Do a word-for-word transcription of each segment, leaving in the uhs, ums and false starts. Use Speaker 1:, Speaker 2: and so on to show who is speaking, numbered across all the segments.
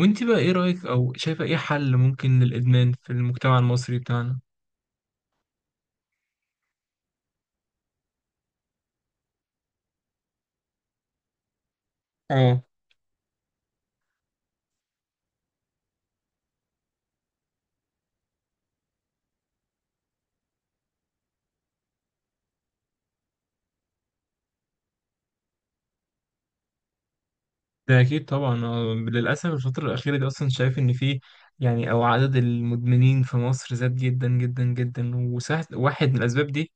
Speaker 1: وانت بقى ايه رأيك او شايفة ايه حل ممكن للإدمان في المجتمع المصري بتاعنا؟ اه، ده اكيد طبعا. آه، للأسف الفترة الأخيرة دي اصلا شايف ان في، يعني، او عدد المدمنين في مصر زاد جدا جدا جدا، وسهل واحد من الأسباب دي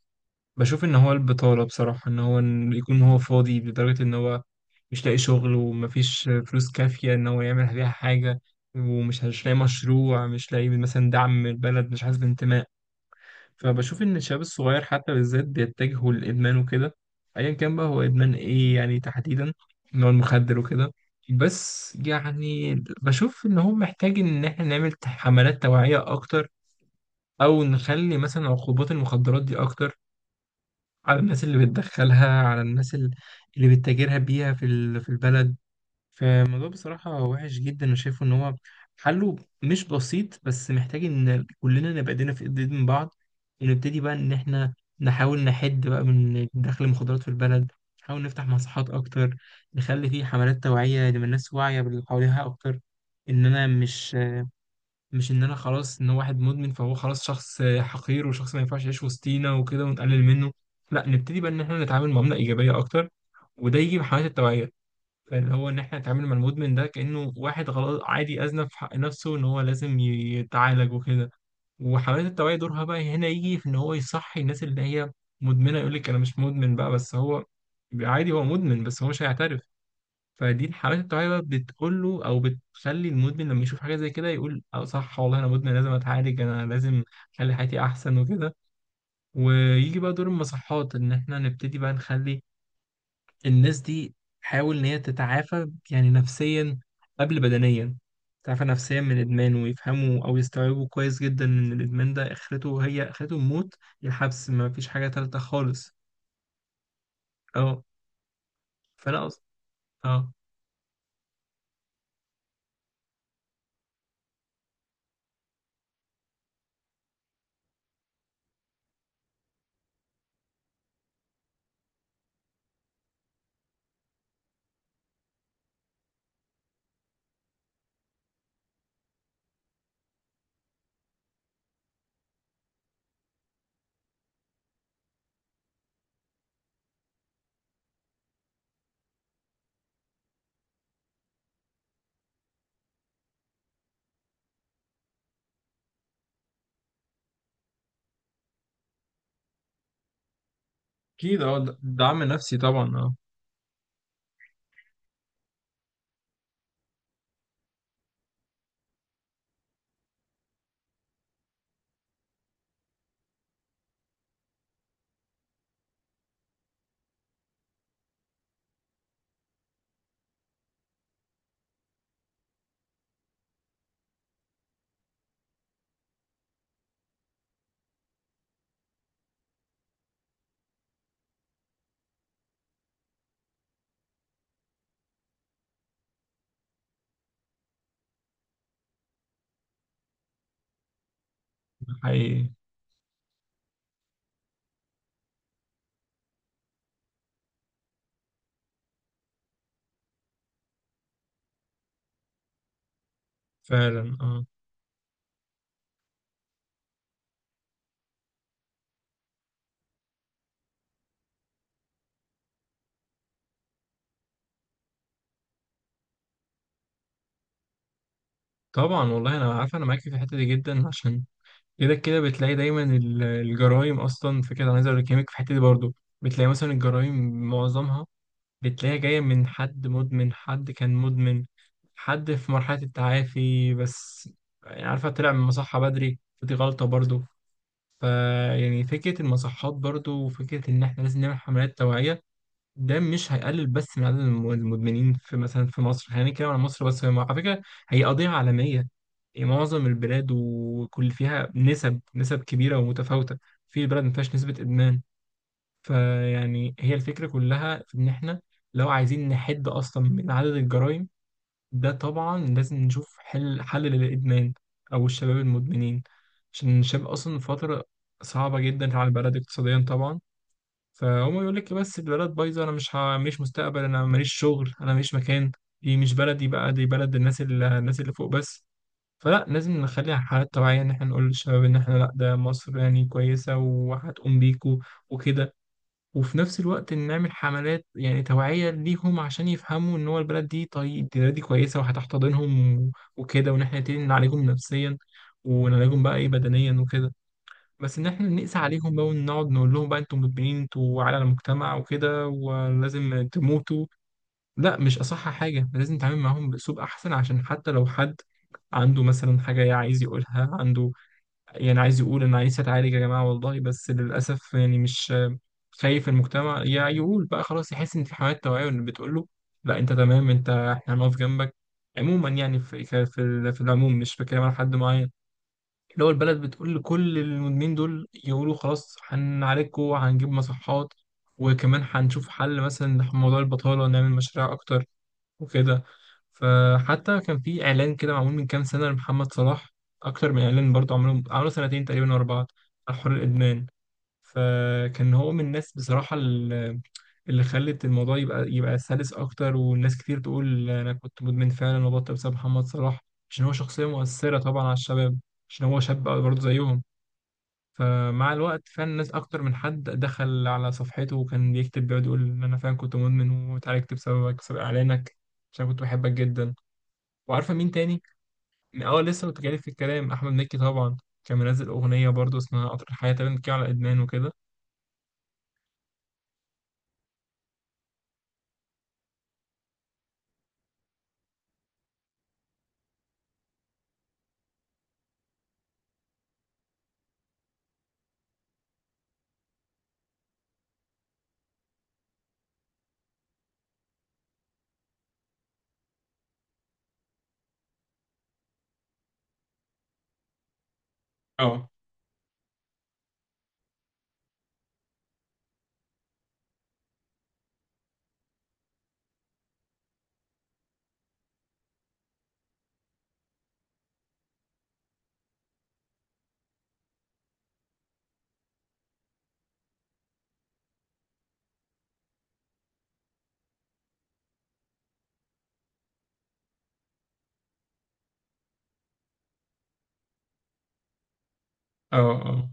Speaker 1: بشوف ان هو البطالة. بصراحة ان هو إن يكون هو فاضي لدرجة ان هو مش لاقي شغل ومفيش فلوس كافية إن هو يعمل بيها حاجة، ومش مش لاقي مشروع، مش لاقي مثلا دعم من البلد، مش حاسس بانتماء. فبشوف ان الشباب الصغير حتى بالذات بيتجهوا للادمان وكده، ايا كان بقى هو ادمان ايه يعني تحديدا، ان هو المخدر وكده. بس يعني بشوف ان هو محتاج ان احنا نعمل ت- حملات توعية اكتر، او نخلي مثلا عقوبات المخدرات دي اكتر على الناس اللي بتدخلها، على الناس ال- اللي بتتاجرها بيها في ال- في البلد. فالموضوع بصراحة وحش جدا، أنا شايفه إن هو حله مش بسيط، بس محتاج إن كلنا نبقى إيدينا في إيد من بعض، ونبتدي بقى إن إحنا نحاول نحد بقى من دخل المخدرات في البلد، نحاول نفتح مصحات أكتر، نخلي فيه حملات توعية لما الناس واعية باللي حواليها أكتر. إن أنا مش مش إن أنا خلاص إن هو واحد مدمن فهو خلاص شخص حقير وشخص ما ينفعش يعيش وسطينا وكده ونقلل منه. لا، نبتدي بقى إن إحنا نتعامل معاملة إيجابية أكتر، وده يجي بحملات التوعية. فاللي هو ان احنا نتعامل مع المدمن ده كانه واحد غلط عادي اذنب في حق نفسه، ان هو لازم ي- يتعالج وكده. وحملات التوعيه دورها بقى هنا يجي في ان هو يصحي الناس اللي هي مدمنه. يقول لك انا مش مدمن بقى، بس هو عادي هو مدمن، بس هو مش هيعترف. فدي حملات التوعيه بقى بتقول له، او بتخلي المدمن لما يشوف حاجه زي كده يقول اه صح والله انا مدمن لازم اتعالج، انا لازم اخلي حياتي احسن وكده. ويجي بقى دور المصحات ان احنا نبتدي بقى نخلي الناس دي حاول ان هي تتعافى يعني نفسيا قبل بدنيا، تتعافى نفسيا من الادمان، ويفهموا او يستوعبوا كويس جدا ان الادمان ده اخرته هي اخرته الموت يا الحبس، ما فيش حاجة تالتة خالص. اه. فانا أص... اه. اكيد اه، د- دعم نفسي طبعا، اه. ده حقيقي. فعلا اه. طبعا والله انا عارف انا معاكي في الحتة دي جدا، عشان كده كده بتلاقي دايما الجرائم اصلا في كده. انا عايز اقول لك في الحتة دي برضو بتلاقي مثلا الجرائم معظمها بتلاقيها جاية من حد مدمن، حد كان مدمن، حد في مرحلة التعافي بس، يعني عارفة طلع من المصحة بدري، فدي غلطة برضو. فيعني فكرة المصحات برضو وفكرة إن إحنا لازم نعمل حملات توعية، ده مش هيقلل بس من عدد الم- المدمنين في مثلا في مصر. خلينا نتكلم عن مصر بس، هي م- على فكرة هي قضية عالمية، يعني معظم البلاد وكل فيها نسب نسب كبيرة ومتفاوتة، في بلد ما فيهاش نسبة إدمان. فيعني هي الفكرة كلها في إن إحنا لو عايزين نحد أصلا من عدد الجرائم، ده طبعا لازم نشوف حل حل للإدمان، أو الشباب المدمنين، عشان الشباب أصلا في فترة صعبة جدا على البلد اقتصاديا طبعا. فهم يقول لك بس البلد بايظة، أنا مش ه... مش مستقبل، أنا ماليش شغل، أنا ماليش مكان، دي مش بلدي بقى، دي بلد الناس اللي الناس اللي فوق بس. فلا، لازم نخليها حالات طبيعية إن إحنا نقول للشباب إن إحنا لأ، ده مصر يعني كويسة وهتقوم بيكوا وكده، وفي نفس الوقت نعمل حملات يعني توعية ليهم عشان يفهموا ان هو البلد دي، طيب البلد دي كويسة وهتحتضنهم، و- وكده، وان احنا نبتدي نعالجهم نفسيا ونعالجهم بقى ايه بدنيا وكده. بس ان احنا نقسى عليهم بقى ونقعد نقول لهم بقى انتم مدمنين انتوا على المجتمع وكده ولازم تموتوا، لا، مش اصح حاجة. لازم نتعامل معاهم باسلوب احسن، عشان حتى لو حد عنده مثلا حاجة عايز يقولها، عنده يعني عايز يقول انا عايز اتعالج يا جماعه والله، بس للاسف يعني مش خايف المجتمع يا يقول بقى خلاص. يحس ان في حملات توعيه اللي بتقول له لا انت تمام، انت احنا هنقف جنبك. عموما يعني في في في العموم مش بتكلم على حد معين، اللي هو البلد بتقول لكل المدمنين دول يقولوا خلاص هنعالجكم، هنجيب مصحات، وكمان هنشوف حل مثلا لموضوع البطالة، نعمل مشاريع أكتر وكده. فحتى كان في إعلان كده معمول من كام سنة لمحمد صلاح، أكتر من إعلان برضه، عملوا عملوا سنتين تقريبا ورا بعض على حوار الإدمان. فكان هو من الناس بصراحة ال- اللي خلت الموضوع يبقى يبقى سلس أكتر، والناس كتير تقول أنا كنت مدمن فعلا وبطل بسبب محمد صلاح عشان هو شخصية مؤثرة طبعا على الشباب، عشان هو شاب برضه زيهم. فمع الوقت فعلا الناس أكتر من حد دخل على صفحته وكان بيكتب بيقعد يقول إن أنا فعلا كنت مدمن وتعالجت بسببك بسبب إعلانك عشان كنت بحبك جدا. وعارفة مين تاني؟ أه، لسه كنت جايلك في الكلام، أحمد مكي طبعا. كان منزل أغنية برضه اسمها قطر الحياة تقريبا بتتكلم على إدمان وكده. اه، اه، اه،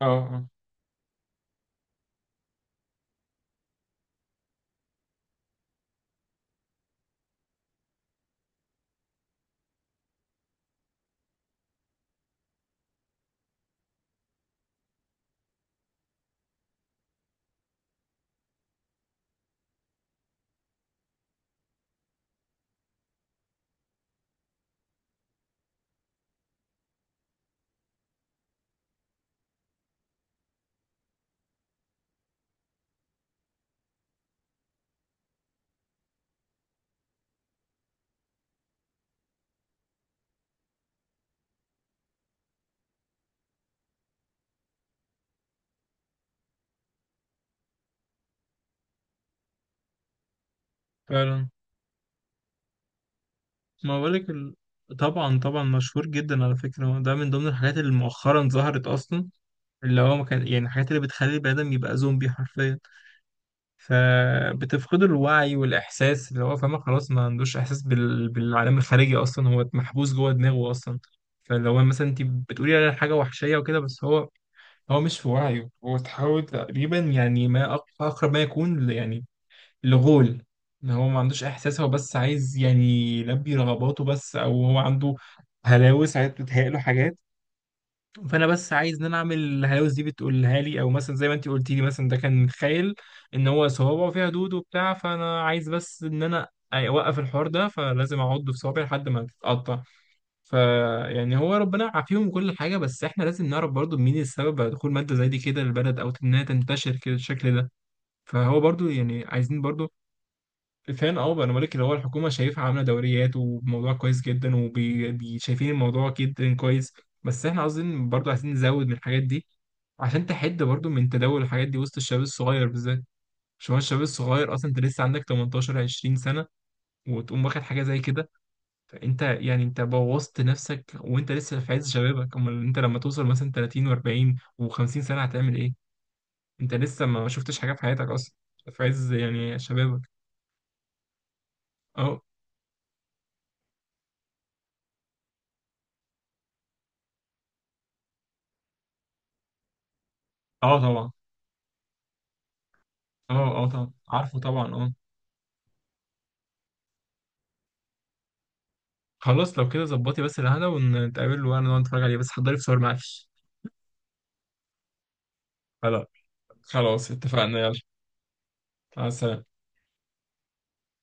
Speaker 1: اه، آه، فعلا. ما بقولك ال... طبعا طبعا، مشهور جدا على فكرة. ده من ضمن الحاجات اللي مؤخرا ظهرت أصلا، اللي هو ما كان يعني الحاجات اللي بتخلي البني آدم يبقى زومبي حرفيا، فبتفقد الوعي والإحساس. اللي هو فاهمة خلاص ما عندوش إحساس بال... بالعالم الخارجي أصلا، هو محبوس جوه دماغه أصلا. فاللي هو مثلا أنت بتقولي على حاجة وحشية وكده، بس هو هو مش في وعيه. هو تحاول تقريبا يعني ما أق- أقرب ما يكون يعني الغول، ان هو ما عندوش احساس، هو بس عايز يعني يلبي رغباته بس، او هو عنده هلاوس، عايز بتتهيأ له حاجات. فانا بس عايز ان انا اعمل الهلاوس دي بتقولها لي، او مثلا زي ما انت قلتي لي مثلا ده كان متخيل ان هو صوابعه فيها دود وبتاع، فانا عايز بس ان انا اوقف الحوار ده، فلازم اعض في صوابعي لحد ما تتقطع. فيعني هو ربنا يعافيهم كل حاجه، بس احنا لازم نعرف برضو مين السبب على دخول ماده زي دي كده للبلد او انها تنتشر كده بالشكل ده. فهو برضو يعني عايزين برضو، فان اه بقى انا بقول لك اللي هو الحكومه شايفها عامله دوريات، وموضوع كويس جدا، وشايفين الموضوع جدا كويس، بس احنا عاوزين برضو عايزين نزود من الحاجات دي عشان تحد برضو من تداول الحاجات دي وسط الشباب الصغير بالذات. عشان هو الشباب الصغير اصلا، انت لسه عندك تمنتاشر عشرين سنه وتقوم واخد حاجه زي كده، فانت يعني انت بوظت نفسك وانت لسه في عز شبابك. امال انت لما توصل مثلا تلاتين و40 و50 سنه هتعمل ايه؟ انت لسه ما شفتش حاجه في حياتك اصلا، في عز يعني شبابك. اه. اه طبعا اه. اه طبعا عارفه طبعا، اه. خلاص، لو كده ظبطي بس الهنا ونتقابل، وانا نقعد نتفرج عليه، بس حضري فشار معلش. خلاص. خلاص اتفقنا، يلا. مع السلامة.